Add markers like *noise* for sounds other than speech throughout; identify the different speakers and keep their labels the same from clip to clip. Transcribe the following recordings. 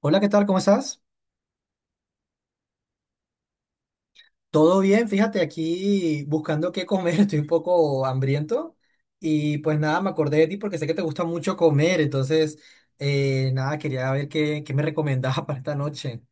Speaker 1: Hola, ¿qué tal? ¿Cómo estás? Todo bien, fíjate, aquí buscando qué comer, *laughs* estoy un poco hambriento y pues nada, me acordé de ti porque sé que te gusta mucho comer, entonces nada, quería ver qué me recomendabas *laughs* para esta noche.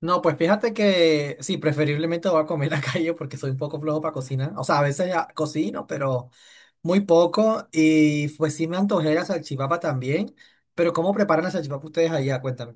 Speaker 1: No, pues fíjate que sí, preferiblemente voy a comer en la *laughs* calle porque soy un poco flojo para cocinar, o sea, a veces ya cocino, pero muy poco y pues sí me antojé la salchipapa también, pero ¿cómo preparan la salchipapa ustedes allá? Cuéntame.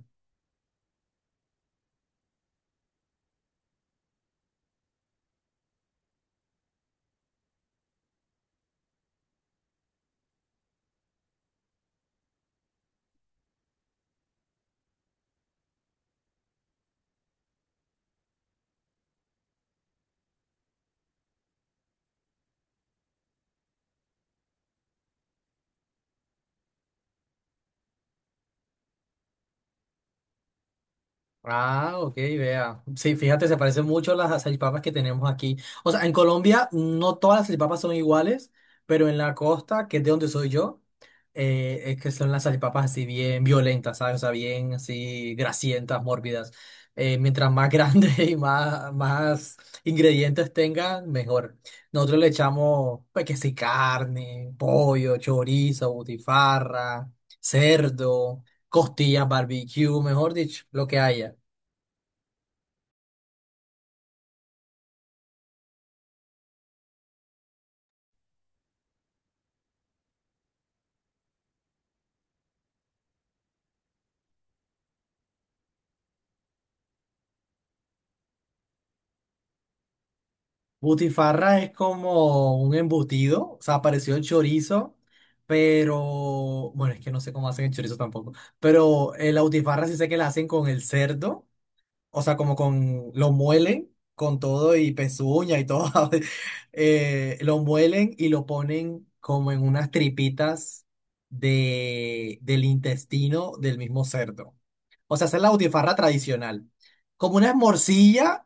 Speaker 1: Ah, ok, vea. Sí, fíjate, se parecen mucho a las salchipapas que tenemos aquí. O sea, en Colombia no todas las salchipapas son iguales, pero en la costa, que es de donde soy yo, es que son las salchipapas así bien violentas, ¿sabes? O sea, bien así grasientas, mórbidas. Mientras más grande *laughs* y más ingredientes tengan, mejor. Nosotros le echamos, pues, que sí, carne, pollo, chorizo, butifarra, cerdo, costillas, barbecue, mejor dicho, lo que haya. Butifarra es como un embutido, o sea, pareció el chorizo, pero bueno, es que no sé cómo hacen el chorizo tampoco, pero la butifarra sí sé que la hacen con el cerdo, o sea, lo muelen con todo y pezuña y todo, *laughs* lo muelen y lo ponen como en unas tripitas del intestino del mismo cerdo. O sea, esa es la butifarra tradicional, como una morcilla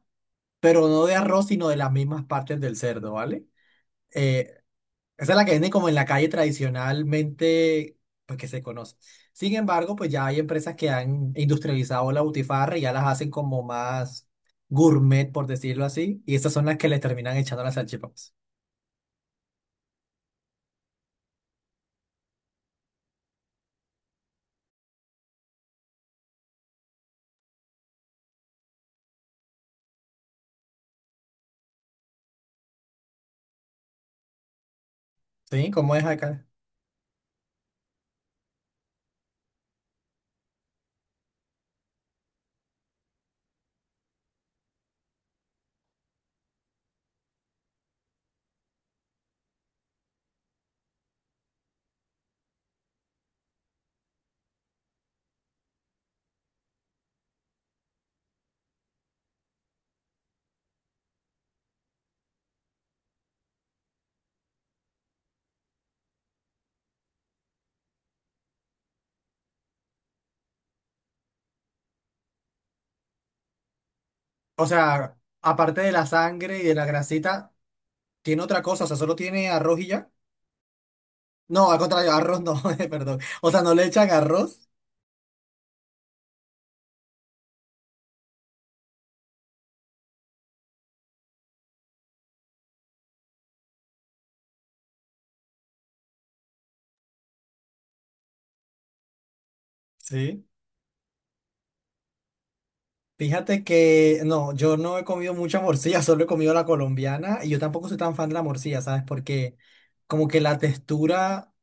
Speaker 1: pero no de arroz, sino de las mismas partes del cerdo, ¿vale? Eh, esa es la que venden como en la calle tradicionalmente, pues que se conoce. Sin embargo, pues ya hay empresas que han industrializado la butifarra y ya las hacen como más gourmet, por decirlo así, y esas son las que le terminan echando las salchipapas. ¿Sí? ¿Cómo es acá? O sea, aparte de la sangre y de la grasita, ¿tiene otra cosa? O sea, ¿solo tiene arroz y ya? No, al contrario, arroz no, *laughs* perdón. O sea, ¿no le echan arroz? Sí. Fíjate que no, yo no he comido mucha morcilla, *laughs* solo he comido la colombiana y yo tampoco soy tan fan de la morcilla, ¿sabes? Porque como que la textura,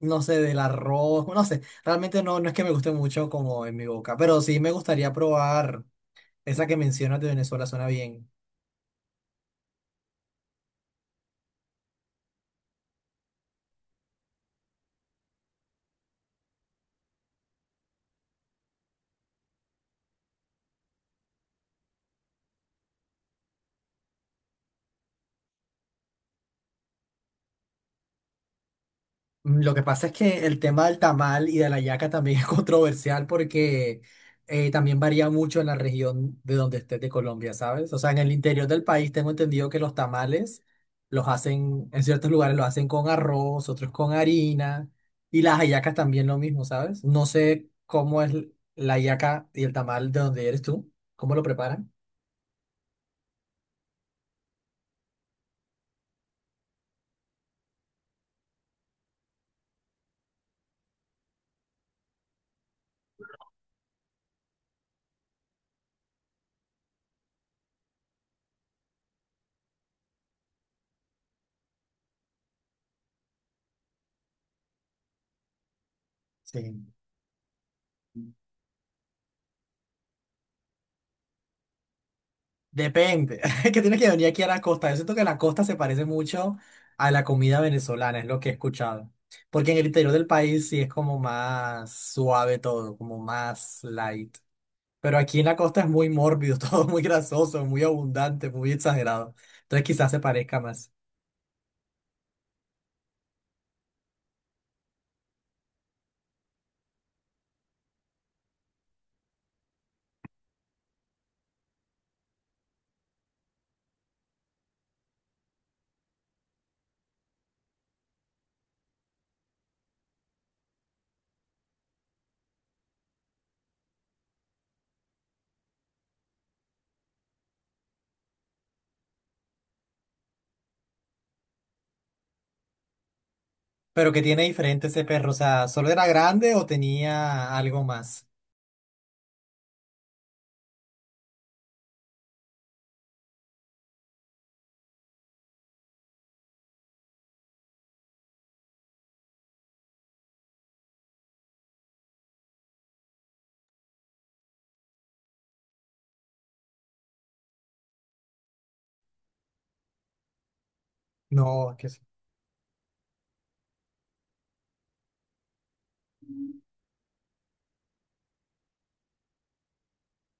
Speaker 1: no sé, del arroz, no sé, realmente no, no es que me guste mucho como en mi boca, pero sí me gustaría probar esa que mencionas de Venezuela, suena bien. Mm, lo que pasa es que el tema del tamal y de la yaca también *laughs* es controversial porque también varía mucho en la región de donde estés de Colombia, ¿sabes? O sea, en el interior del país tengo entendido que los tamales los hacen, en ciertos lugares los hacen con arroz, otros con harina y las hallacas también lo mismo, ¿sabes? No sé cómo es la hallaca y el tamal de donde eres tú, cómo lo preparan. Sí. Depende, *laughs* es que tienes que venir aquí a la costa. Yo siento que la costa se parece mucho a la comida venezolana, es lo que he escuchado. Porque en el interior del país sí es como más suave todo, como más light. Pero aquí en la costa es muy mórbido, *laughs* todo muy grasoso, muy abundante, muy exagerado. Entonces quizás se parezca más. Pero que tiene diferente ese perro, o sea, ¿solo era grande o tenía algo más? No, es que sí.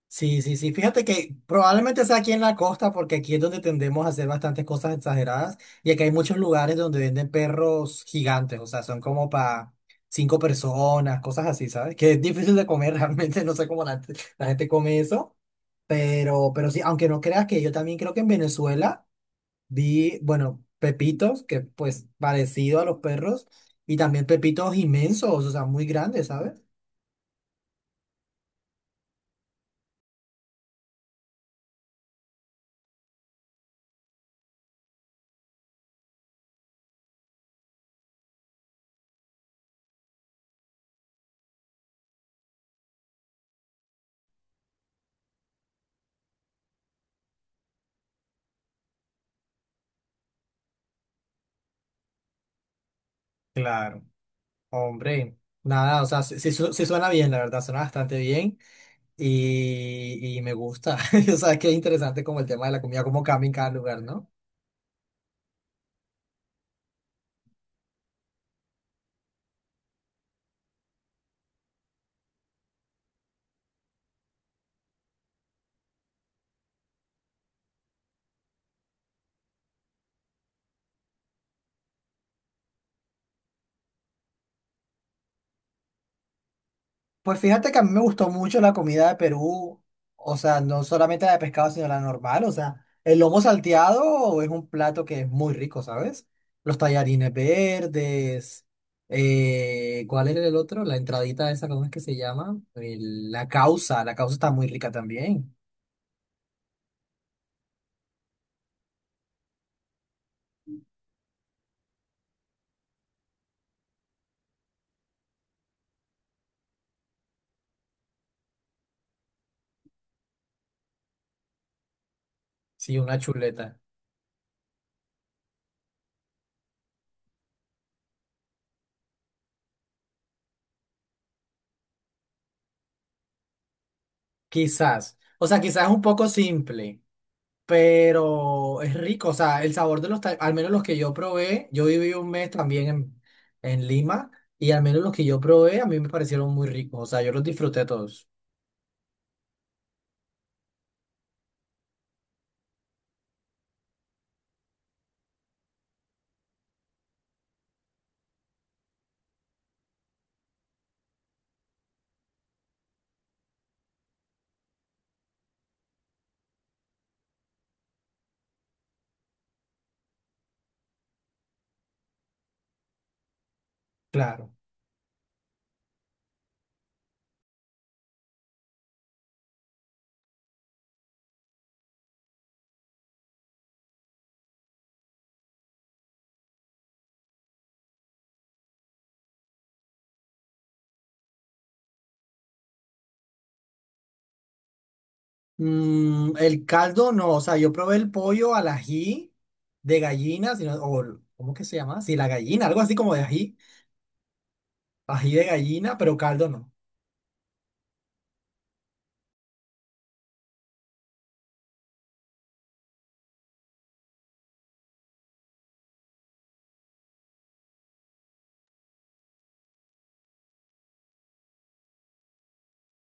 Speaker 1: Sí, sí, sí. Fíjate que probablemente sea aquí en la costa, porque aquí es donde tendemos a hacer bastantes cosas exageradas. Y aquí hay muchos lugares donde venden perros gigantes, o sea, son como para 5 personas, cosas así, ¿sabes? Que es difícil de comer *laughs* realmente, no sé cómo la gente come eso. Pero sí, aunque no creas que yo también creo que en Venezuela vi, bueno, pepitos, que pues parecido a los perros, y también pepitos inmensos, o sea, muy grandes, ¿sabes? Claro. Hombre, nada, o sea, sí suena bien, la verdad, suena bastante bien y me gusta. *laughs* O sea, es que es interesante como el tema de la comida, cómo cambia en cada lugar, ¿no? Pues fíjate que a mí me gustó mucho la comida de Perú, o sea, no solamente la de pescado, sino la normal, o sea, el lomo salteado es un plato que es muy rico, ¿sabes? Los tallarines verdes, ¿cuál era el otro? La entradita esa, ¿cómo es que se llama? El- la causa está muy rica también, sí, una chuleta. Quizás. O sea, quizás es un poco simple, pero es rico. O sea, el sabor de los tacos, al menos los que yo probé, yo viví 1 mes también en Lima y al menos los que yo probé a mí me parecieron muy ricos. O sea, yo los disfruté todos. Claro. Mm, el caldo no, o sea, yo probé el pollo al ají de gallina, sino, o, ¿cómo que se llama? Sí, la gallina, algo así como de ají, ají de gallina, pero caldo no.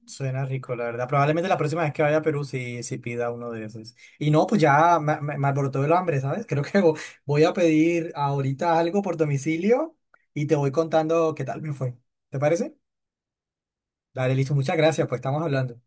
Speaker 1: Suena rico, la verdad. Probablemente la próxima vez que vaya a Perú sí, sí pida uno de esos. Y no, pues ya me- me alborotó el hambre, ¿sabes? *laughs* Creo que vo- voy a pedir ahorita algo por domicilio y te voy contando qué tal me fue. ¿Te parece? Dale, listo. Muchas gracias, pues estamos hablando.